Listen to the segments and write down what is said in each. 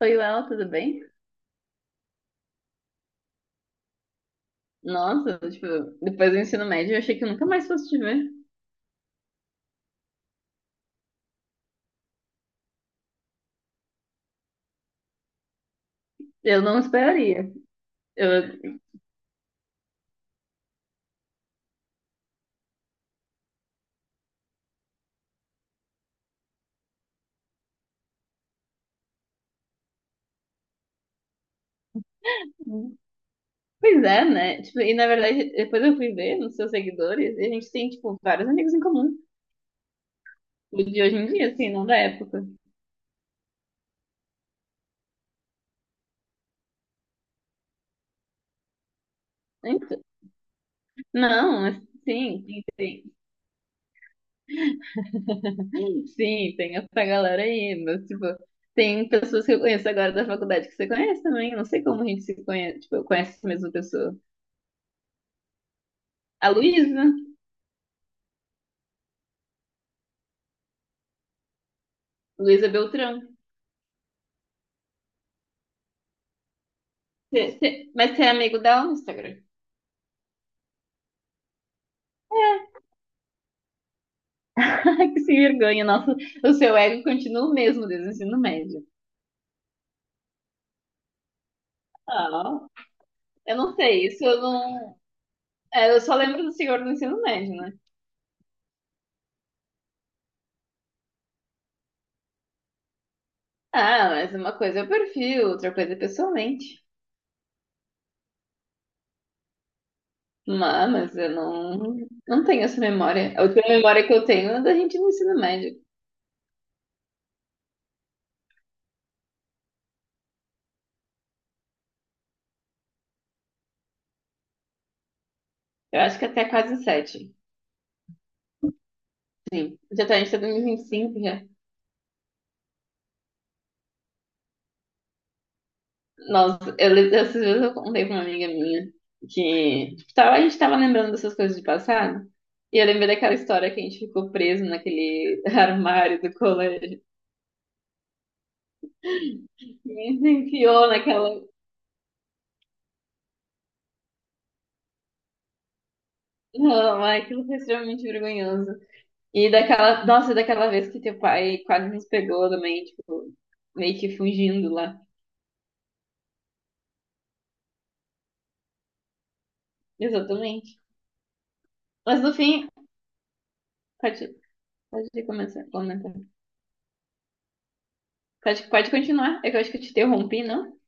Oi, Well, tudo bem? Nossa, tipo, depois do ensino médio eu achei que eu nunca mais fosse te ver. Eu não esperaria. Eu... Pois é, né? Tipo, e na verdade, depois eu fui ver nos seus seguidores e a gente tem, tipo, vários amigos em comum. O de hoje em dia, assim, não da época. Então, não, mas sim, sim, tem. Sim, tem essa galera aí, mas, tipo, tem pessoas que eu conheço agora da faculdade que você conhece também. Não sei como a gente se conhece, tipo, eu conheço essa mesma pessoa. A Luísa, Luísa Beltrão. Mas você é amigo dela no Instagram? Ai, que sem vergonha, nossa. O seu ego continua o mesmo desde o ensino médio. Ah, eu não sei, isso eu não. É, eu só lembro do senhor do ensino médio, né? Ah, mas uma coisa é o perfil, outra coisa é pessoalmente. Mas eu não, não tenho essa memória. A última memória que eu tenho é da gente no ensino médio. Eu acho que até quase sete. Sim. Já tá, a gente tá em 2025 já. Nossa, eu lembro dessas vezes eu contei pra uma amiga minha que tipo, tava, a gente tava lembrando dessas coisas de passado. E eu lembrei daquela história que a gente ficou preso naquele armário do colégio. E se enfiou naquela. Não, ai, aquilo foi extremamente vergonhoso. E daquela. Nossa, daquela vez que teu pai quase nos pegou também, tipo, meio que fugindo lá. Exatamente. Mas no fim, pode, pode começar a comentar. Pode continuar. É que eu acho que eu te interrompi, não?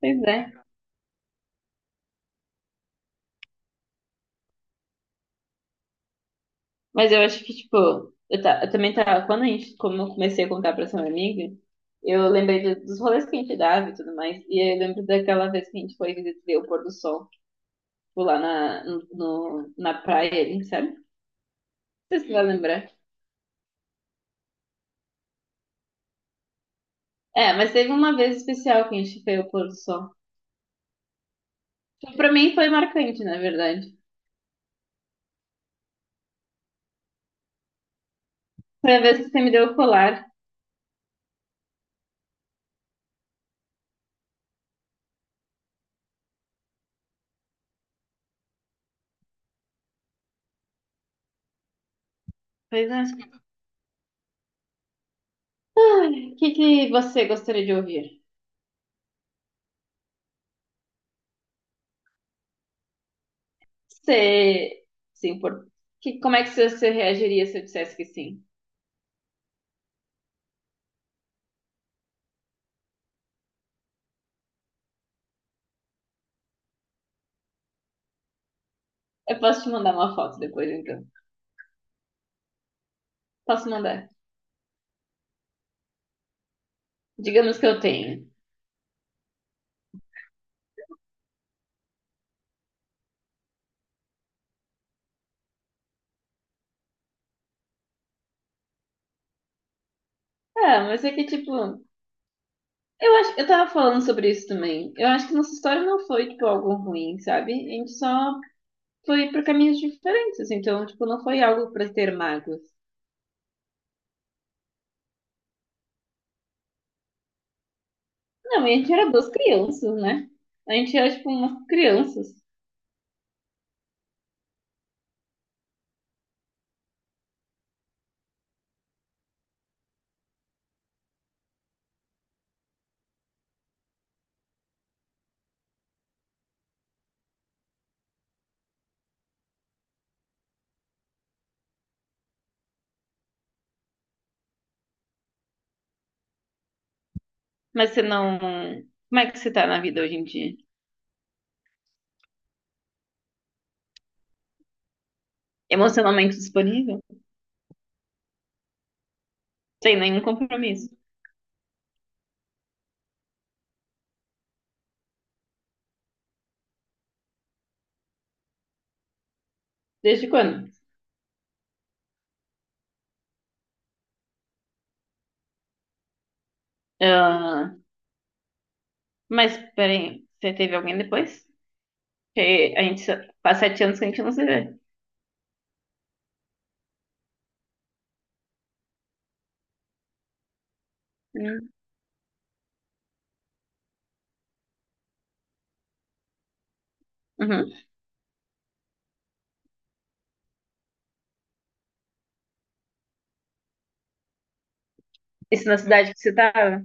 Pois é. Mas eu acho que, tipo, eu também tava. Quando a gente, como eu comecei a contar pra essa minha amiga, eu lembrei dos rolês que a gente dava e tudo mais. E aí eu lembro daquela vez que a gente foi ver o pôr do sol, tipo, lá na, no, no- na praia, ali, sabe? Não sei se você vai lembrar. É, mas teve uma vez especial que a gente foi ao pôr do sol. Tipo, pra mim foi marcante, na verdade. Foi a vez que você me deu o colar. Pois é, o que que você gostaria de ouvir? Você, sim, por... que, como é que você reagiria se eu dissesse que sim? Eu posso te mandar uma foto depois, então. Posso mandar. Digamos que eu tenho. Ah, mas é que, tipo, eu acho, eu tava falando sobre isso também. Eu acho que nossa história não foi, tipo, algo ruim, sabe? A gente só foi por caminhos diferentes, então, tipo, não foi algo pra ter mágoas. Não, e a gente era duas crianças, né? A gente era, tipo, umas crianças. Mas você não. Como é que você tá na vida hoje em dia? Emocionalmente disponível? Sem nenhum compromisso. Desde quando? Ah, mas, peraí, você teve alguém depois? Que a gente só- faz sete anos que a gente não se vê. Hum. Uhum. Isso na cidade que você tava?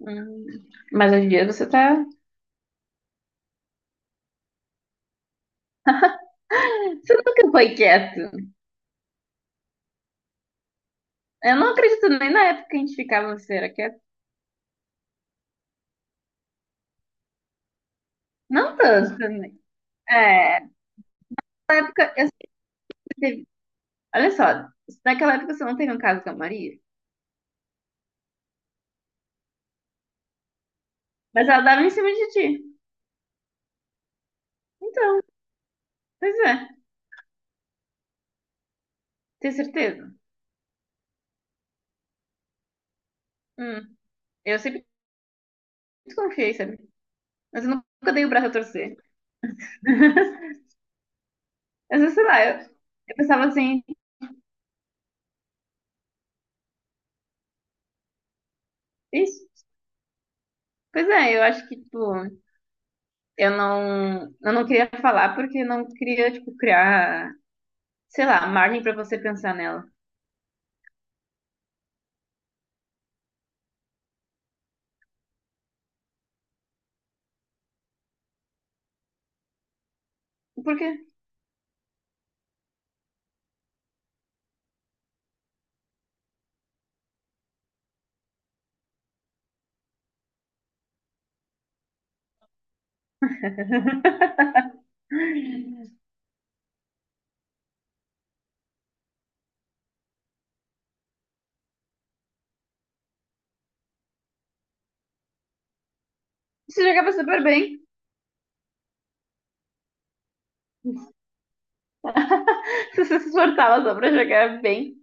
Hum. Mas hoje em dia você tá. Você nunca foi quieto. Eu não acredito nem na época que a gente ficava, você era quieto. Não tanto também. É, na época, eu sempre teve... Olha só, naquela época você não teve um caso com a Maria, mas ela dava em cima de ti. Então, pois é, tenho certeza. Hum, eu sempre desconfiei, sabe? Mas eu nunca dei o braço a torcer. Mas sei lá, eu pensava assim, "Ixi, pois é, eu acho que, tipo, eu não queria falar porque eu não queria, tipo, criar, sei lá, margem pra você pensar nela. Por quê? Você jogava super bem. Se você se esforçava só pra jogar bem.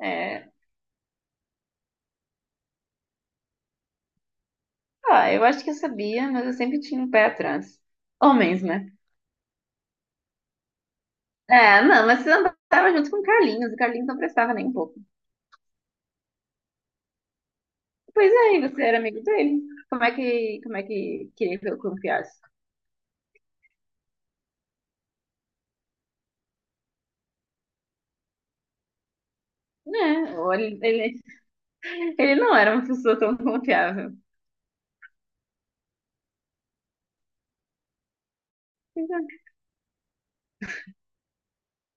É, ah, eu acho que eu sabia, mas eu sempre tinha um pé atrás. Homens, né? É, não, mas você andava junto com o Carlinhos não prestava nem um pouco. Pois é, e você era amigo dele. Como é que queria que eu confiasse? Né? Ou ele ele não era uma pessoa tão confiável.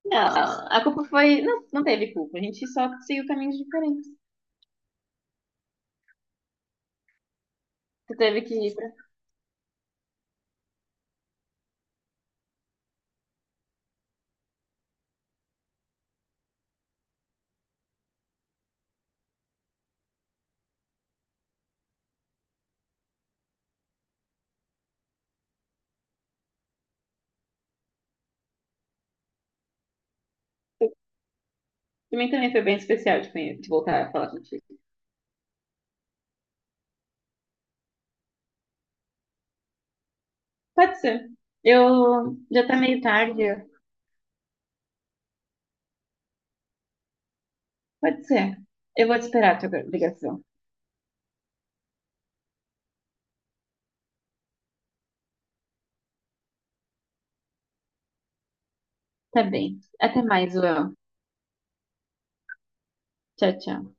Não, a culpa foi. Não, não teve culpa. A gente só seguiu caminhos diferentes. Tu teve que ir pra. Pra mim também foi bem especial de voltar a falar contigo. Pode ser. Eu. Já tá meio tarde. Pode ser. Eu vou te esperar a tua ligação. Tá bem. Até mais, Will. Tchau, tchau.